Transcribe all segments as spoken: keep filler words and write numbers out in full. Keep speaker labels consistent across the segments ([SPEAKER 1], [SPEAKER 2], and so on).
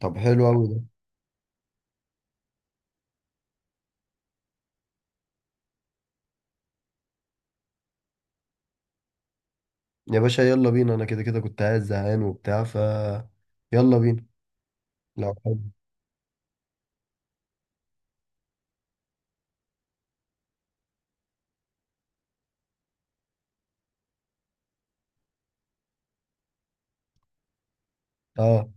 [SPEAKER 1] طب حلو قوي ده. يا باشا، يلا بينا. انا كده كده كنت قاعد زهقان وبتاع، ف يلا بينا. لو حلو. اه،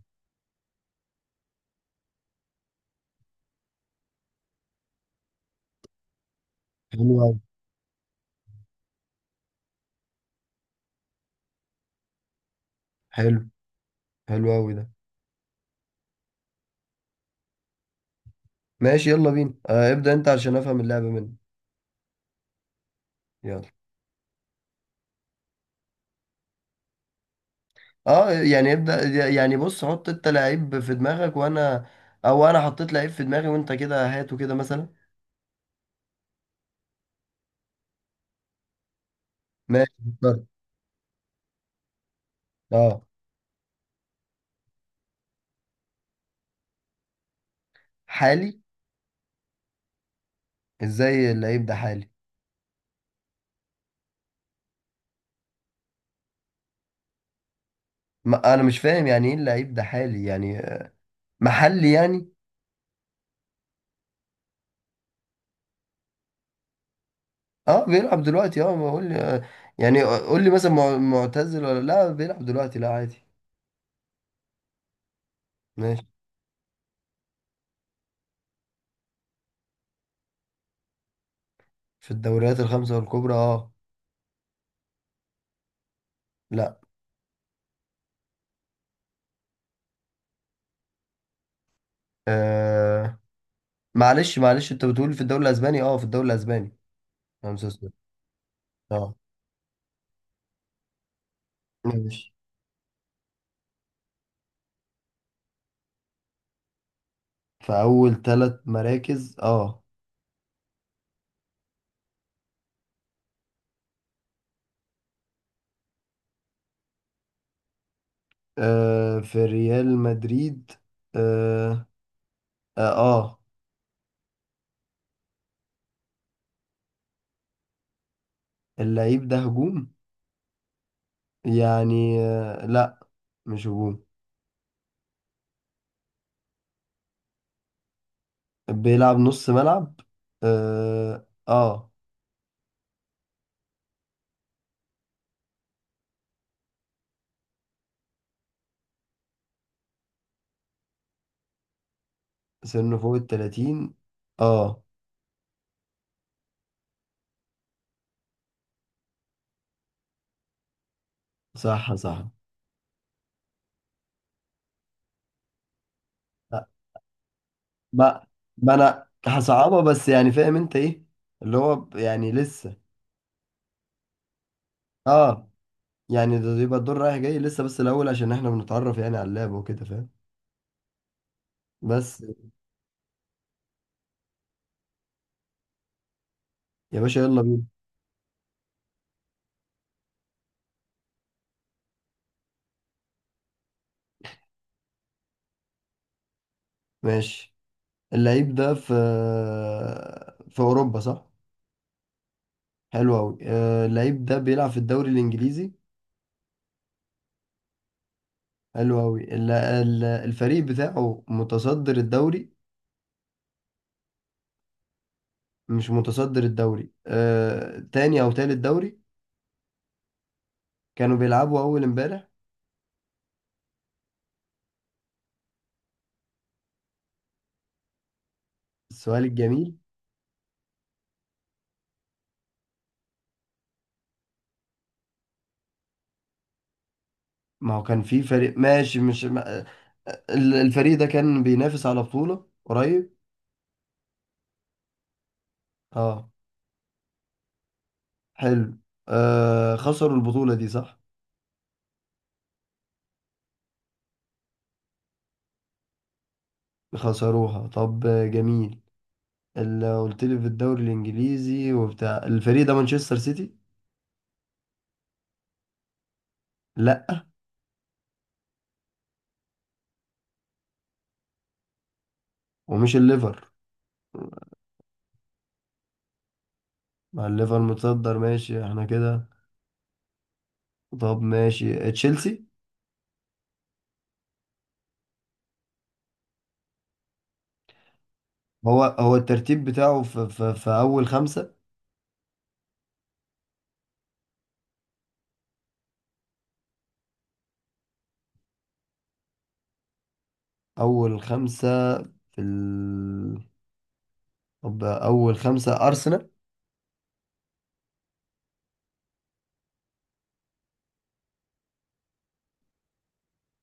[SPEAKER 1] حلو قوي. حلو، حلو قوي ده. ماشي، يلا بينا. آه، ابدأ انت عشان افهم اللعبة منك. يلا. اه، يعني ابدأ. يعني بص، حط انت لعيب في دماغك وانا، او انا حطيت لعيب في دماغي، وانت كده هاته كده مثلا. ماشي، اخترت. اه. حالي. ازاي اللعيب ده حالي؟ ما انا مش فاهم يعني ايه اللعيب ده حالي، يعني محلي يعني؟ اه، بيلعب دلوقتي. اه، ما قول لي. يعني قول لي مثلا مع- معتزل ولا لا، بيلعب دلوقتي لا عادي. ماشي، في الدوريات الخمسة والكبرى اه. لا. آه، معلش معلش، انت بتقول في الدوري الاسباني؟ اه، في الدوري الاسباني. خمسة صفر. اه، ماشي. في اول ثلاث مراكز اه. آه، في ريال مدريد. اه. اه. آه. اللعيب ده هجوم؟ يعني آه لا، مش هجوم. بيلعب نص ملعب. اه، آه. سنه فوق ال تلاتين. اه، صح صح. لا، ما ما انا هصعبها، بس يعني فاهم انت ايه، اللي هو ب- يعني لسه. اه، يعني ده يبقى الدور رايح جاي لسه، بس الاول عشان احنا بنتعرف يعني على اللعب وكده، فاهم؟ بس. يا باشا، يلا بينا. ماشي. اللعيب ده في في اوروبا صح؟ حلو قوي. اللعيب ده بيلعب في الدوري الانجليزي. حلو قوي. الفريق بتاعه متصدر الدوري؟ مش متصدر الدوري آه، تاني او تالت دوري. كانوا بيلعبوا اول امبارح. السؤال الجميل. ما هو كان في فريق ماشي، مش ما... ال- الفريق ده كان بينافس على بطولة قريب. اه، حلو. آه، خسروا البطولة دي صح؟ خسروها طب، آه، جميل. اللي قلت لي في الدوري الانجليزي وبتاع، الفريق ده مانشستر سيتي؟ لا، ومش الليفر. مع الليفر متصدر، ماشي احنا كده. طب، ماشي، تشيلسي؟ هو هو الترتيب بتاعه في, في, في اول خمسة. اول خمسة في. طب، اول خمسة. ارسنال؟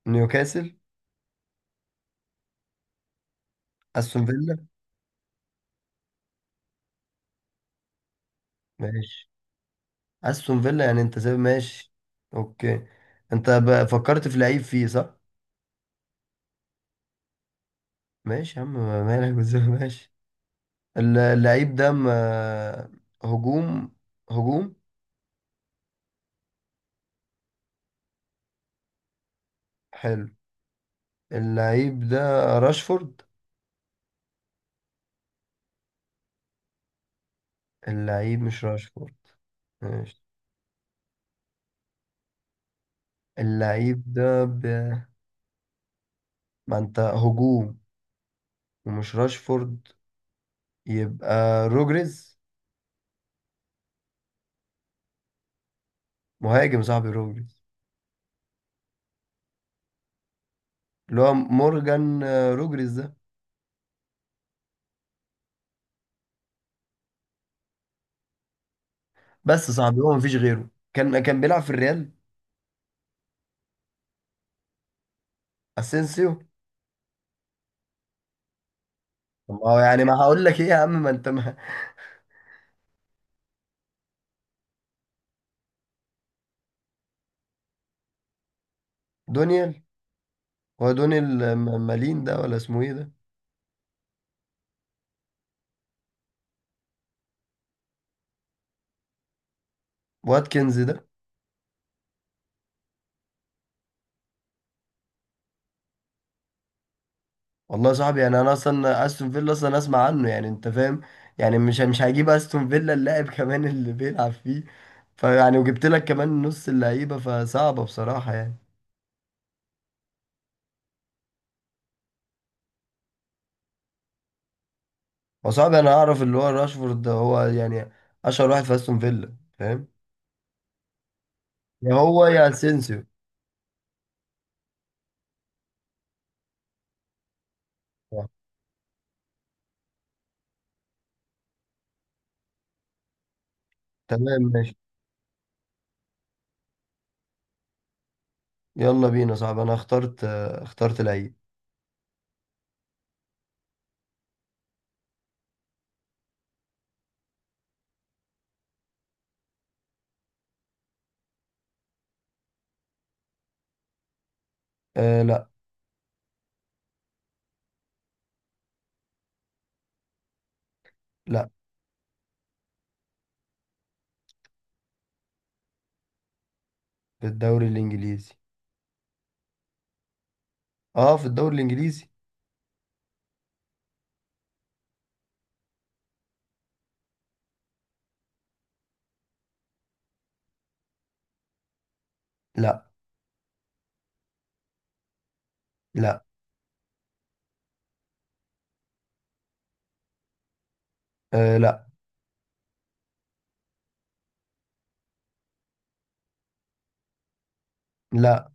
[SPEAKER 1] نيوكاسل؟ استون فيلا. ماشي، استون فيلا. يعني انت سايب، ماشي. اوكي. انت ب- فكرت في لعيب فيه صح؟ ماشي يا عم، ما- مالك وزي ما ماشي. الل- اللعيب ده ما- هجوم. هجوم. حلو. اللعيب ده راشفورد؟ اللعيب مش راشفورد. ماشي. اللعيب ده ب... ما انت هجوم ومش راشفورد، يبقى روجريز. مهاجم صاحبي روجريز، اللي هو مورجان آه، روجريز ده. بس صاحبي، هو مفيش غيره، كان كان بيلعب في الريال. اسينسيو. طب ما هو يعني، ما هقول لك ايه يا عم، ما انت ما دونيال. هو دونيال م- مالين ده ولا اسمه ايه ده؟ واتكنز ده. والله يا صاحبي، يعني انا اصلا استون فيلا اصلا اسمع عنه يعني، انت فاهم. يعني مش مش هجيب استون فيلا اللاعب كمان اللي بيلعب فيه. فيعني وجبت لك كمان نص اللعيبه، فصعبه بصراحه يعني. وصعب. انا اعرف اللي هو راشفورد ده، هو يعني اشهر واحد في استون فيلا، فاهم؟ يا هو يا اسينسيو. آه، تمام، ماشي. يلا بينا، صعب. انا اخترت آه، اخترت لعيب. آه لا. لا، في الدوري الانجليزي. اه، في الدوري الانجليزي. لا. لا. آه لا. لا.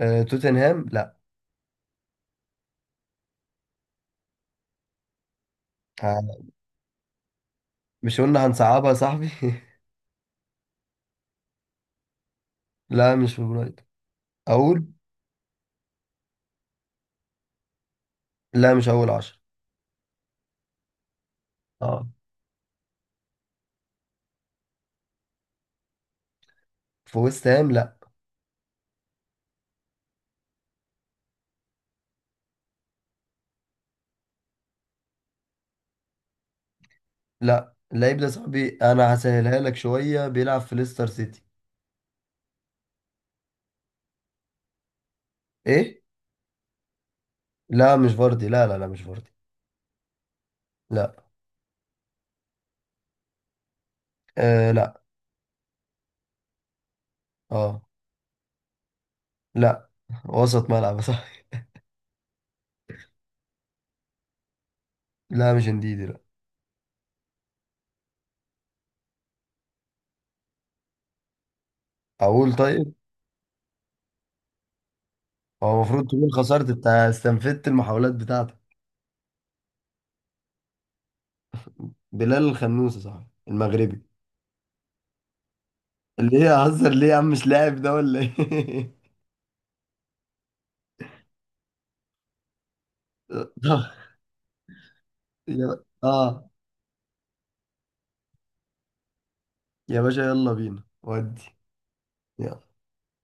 [SPEAKER 1] آه، توتنهام لا. آه. مش قلنا هنصعبها يا صاحبي لا، مش في برايتون. اقول. لا، مش اول عشر. اه. في ويست هام لا. لا. اللعيب ده يا صاحبي، انا هسهلها لك شوية. بيلعب في ليستر سيتي. ايه؟ لا، مش فاردي. لا، لا، لا، مش فاردي. لا. آه لا. اه. لا. وسط ملعب لا، مش انديدي. لا. اقول. طيب، هو المفروض تكون خسرت، انت استنفدت المحاولات بتاعتك. بلال الخنوسي صح، المغربي؟ اللي هي هزر ليه يا عم، مش لاعب ده ولا ايه؟ طب. يا- اه. يا باشا، يلا بينا ودي.